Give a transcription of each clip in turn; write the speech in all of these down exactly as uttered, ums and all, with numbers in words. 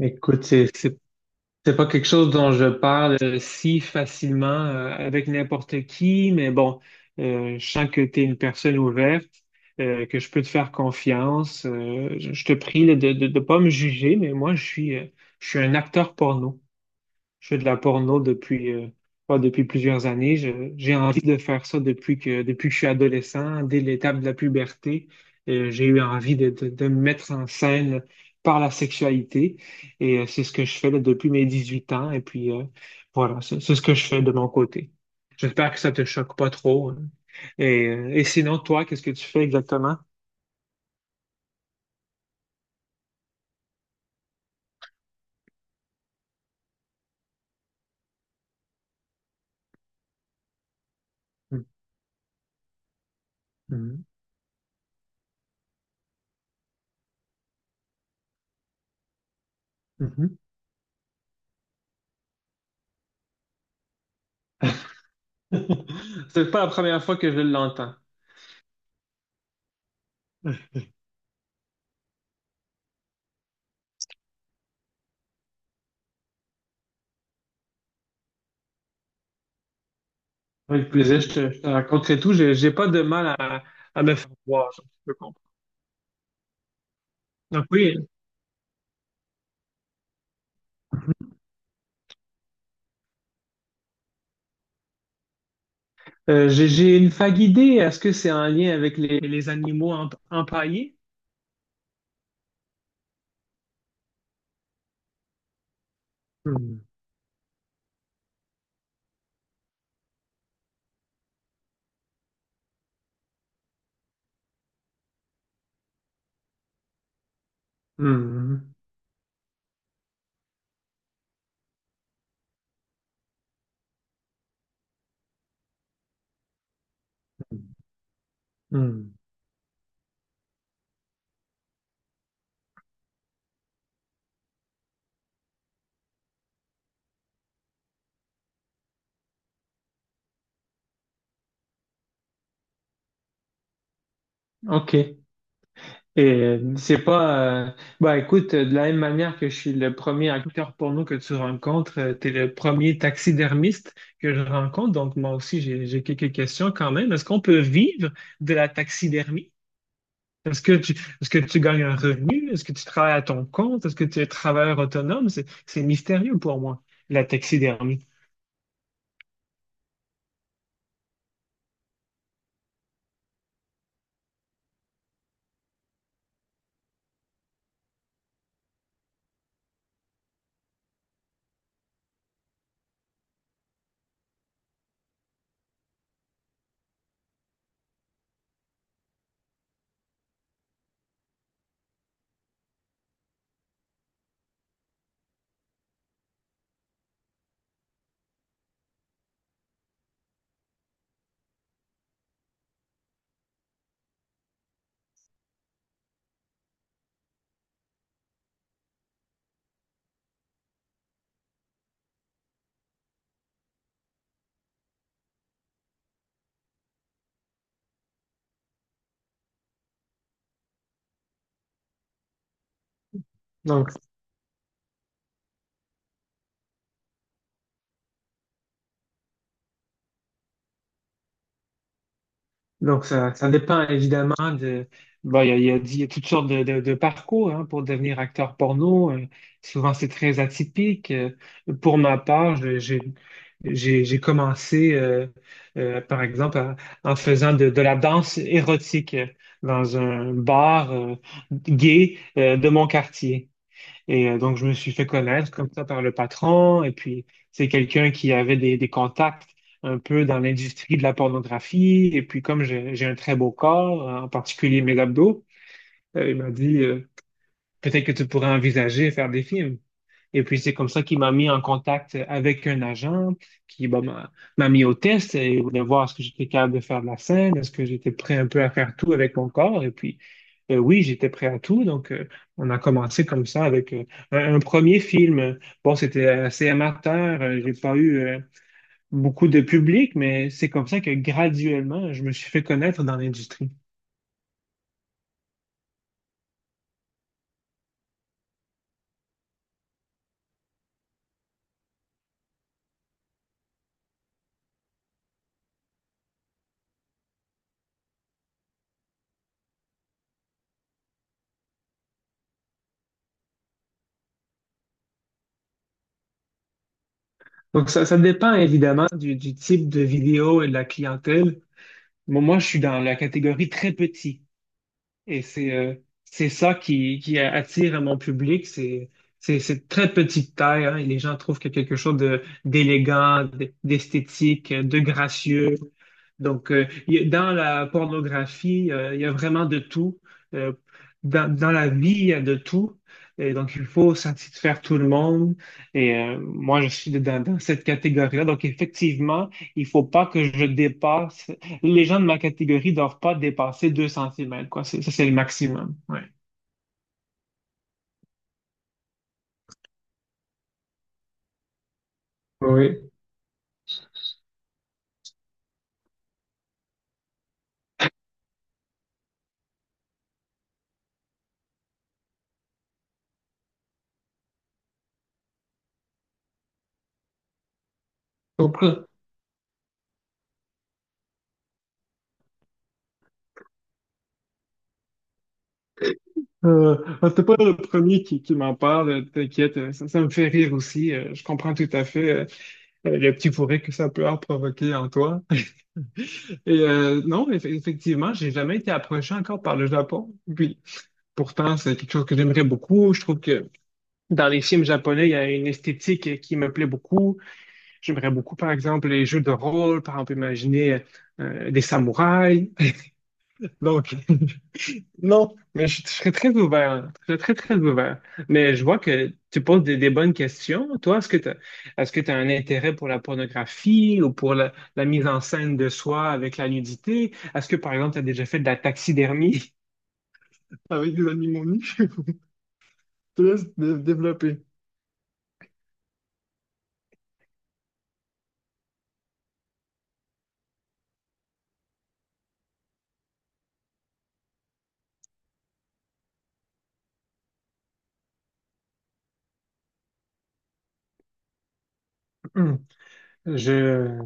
Écoute, c'est c'est- c'est pas quelque chose dont je parle euh, si facilement euh, avec n'importe qui, mais bon, euh, je sens que tu es une personne ouverte, euh, que je peux te faire confiance. Euh, je, je te prie là, de ne pas me juger, mais moi, je suis, euh, je suis un acteur porno. Je fais de la porno depuis, euh, pas depuis plusieurs années. Je- j'ai envie de faire ça depuis que, depuis que je suis adolescent, dès l'étape de la puberté. Euh, j'ai eu envie de, de, de me mettre en scène par la sexualité. Et euh, c'est ce que je fais là, depuis mes dix-huit ans. Et puis, euh, voilà, c'est c'est ce que je fais de mon côté. J'espère que ça te choque pas trop, hein. Et, euh, et sinon, toi, qu'est-ce que tu fais exactement? Mhm, mhm. C'est pas la première fois que je l'entends. Avec plaisir, je te, je te raconterai tout. J'ai, j'ai pas de mal à, à me faire voir, je peux comprendre. Donc oui, euh, j'ai, j'ai une vague idée. Est-ce que c'est en lien avec les, les animaux emp- empaillés? Hmm. Hmm. Hmm. OK. Et euh, c'est pas. Euh, bah écoute, euh, de la même manière que je suis le premier acteur porno que tu rencontres, euh, t'es le premier taxidermiste que je rencontre. Donc moi aussi, j'ai j'ai quelques questions quand même. Est-ce qu'on peut vivre de la taxidermie? Est-ce que tu, est-ce que tu gagnes un revenu? Est-ce que tu travailles à ton compte? Est-ce que tu es travailleur autonome? C'est, c'est mystérieux pour moi, la taxidermie. Donc, Donc, ça, ça dépend évidemment de. Bon, il y a, il y a- il y a toutes sortes de, de- de parcours, hein, pour devenir acteur porno. Euh, souvent, c'est très atypique. Euh, pour ma part, je- j'ai j'ai j'ai commencé, euh, euh, par exemple, à- en faisant de, de la danse érotique euh, dans un bar euh, gay euh, de mon quartier. Et euh, donc, je me suis fait connaître comme ça par le patron. Et puis, c'est quelqu'un qui avait des, des contacts un peu dans l'industrie de la pornographie. Et puis, comme j'ai j'ai un très beau corps, euh, en particulier mes abdos, euh, il m'a dit, euh, peut-être que tu pourrais envisager faire des films. Et puis, c'est comme ça qu'il m'a mis en contact avec un agent qui, bah, m'a m'a mis au test et voulait voir est-ce que j'étais capable de faire de la scène, est-ce que j'étais prêt un peu à faire tout avec mon corps. Et puis, euh, oui, j'étais prêt à tout. Donc, euh, on a commencé comme ça avec euh, un, un premier film. Bon, c'était assez amateur. Euh, j'ai pas eu euh, beaucoup de public, mais c'est comme ça que graduellement, je me suis fait connaître dans l'industrie. Donc, ça, ça dépend évidemment du, du type de vidéo et de la clientèle. Moi, moi, je suis dans la catégorie très petit. Et c'est euh, c'est ça qui, qui attire mon public. C'est c'est c'est de très petite taille, hein, et les gens trouvent qu'il y a quelque chose de d'élégant, d- d'esthétique, de gracieux. Donc, euh, y a- dans la pornographie, euh, il y a vraiment de tout. Euh, dans, dans la vie, il y a de tout. Et donc, il faut satisfaire tout le monde. Et euh, moi, je suis dans, dans cette catégorie-là. Donc, effectivement, il faut pas que je dépasse. Les gens de ma catégorie doivent pas dépasser deux centimètres, quoi. C'est- Ça, c'est le maximum. Ouais. Oui, je comprends. Euh, c'est pas le premier qui, qui m'en parle, euh, t'inquiète, euh, ça, ça me fait rire aussi, euh, je comprends tout à fait. euh, le petit bourré que ça peut avoir provoqué en toi. Et euh, non, eff- effectivement, j'ai jamais été approché encore par le Japon. Puis, pourtant, c'est quelque chose que j'aimerais beaucoup. Je trouve que dans les films japonais, il y a une esthétique qui me plaît beaucoup. J'aimerais beaucoup, par exemple, les jeux de rôle, par exemple, imaginer euh, des samouraïs. Donc, non, mais je, je serais très ouvert, hein. Je serais très, très ouvert. Mais je vois que tu poses des, des bonnes questions. Toi, est-ce que tu est-ce que tu as un intérêt pour la pornographie ou pour la, la mise en scène de soi avec la nudité? Est-ce que, par exemple, tu as déjà fait de la taxidermie? Avec des animaux nus, je te laisse dé- développer. Hum. Je,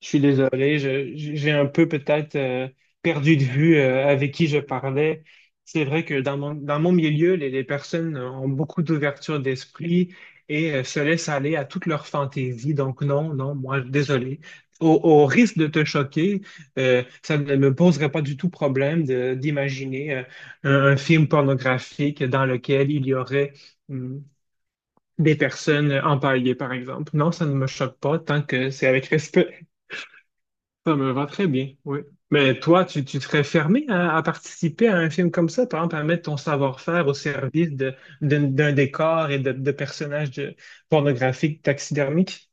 Je suis désolé, je- j'ai un peu peut-être euh, perdu de vue euh, avec qui je parlais. C'est vrai que dans mon, dans mon milieu, les, les personnes ont beaucoup d'ouverture d'esprit et euh, se laissent aller à toutes leurs fantaisies. Donc non, non, moi, désolé. Au, au risque de te choquer, euh, ça ne me poserait pas du tout problème de- d'imaginer euh, un, un film pornographique dans lequel il y aurait hum, des personnes empaillées, par exemple. Non, ça ne me choque pas tant que c'est avec respect. Ça me va très bien, oui. Mais toi, tu, tu serais fermé à, à, participer à un film comme ça, par exemple, à mettre ton savoir-faire au service de, d'un d'un décor et de, de personnages de- pornographiques taxidermiques?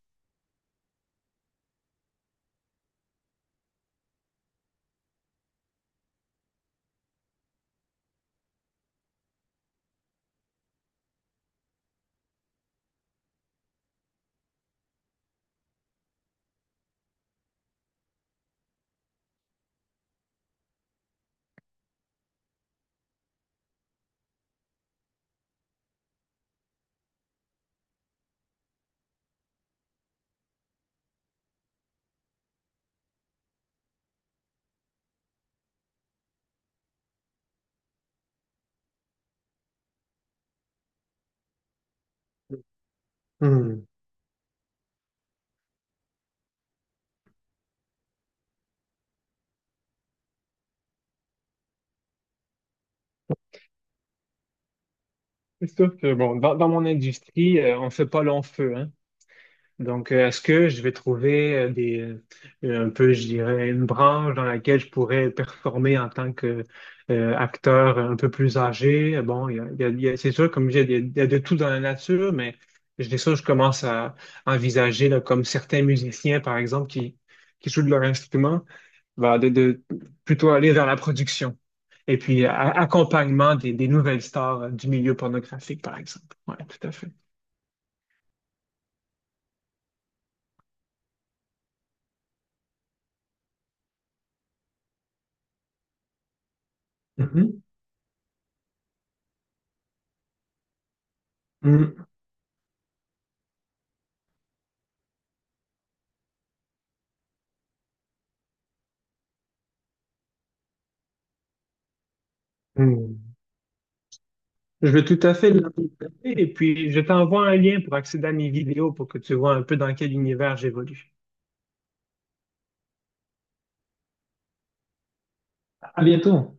Hmm. C'est sûr que, bon, dans, dans mon industrie, euh, on ne fait pas long feu, hein. Donc, euh, est-ce que je vais trouver euh, des, euh, un peu, je dirais, une branche dans laquelle je pourrais performer en tant que euh, acteur un peu plus âgé? Bon, il y a, il y a- il y a- c'est sûr, comme je dis, il y a, il y a de tout dans la nature, mais je dis ça, je commence à envisager, là, comme certains musiciens, par exemple, qui, qui jouent de leur instrument, ben, de, de plutôt aller vers la production. Et puis, a- accompagnement des, des nouvelles stars euh, du milieu pornographique, par exemple. Oui, tout à fait. Mhm. Mhm. Je vais tout à fait l'apporter et puis je t'envoie un lien pour accéder à mes vidéos pour que tu vois un peu dans quel univers j'évolue. À bientôt.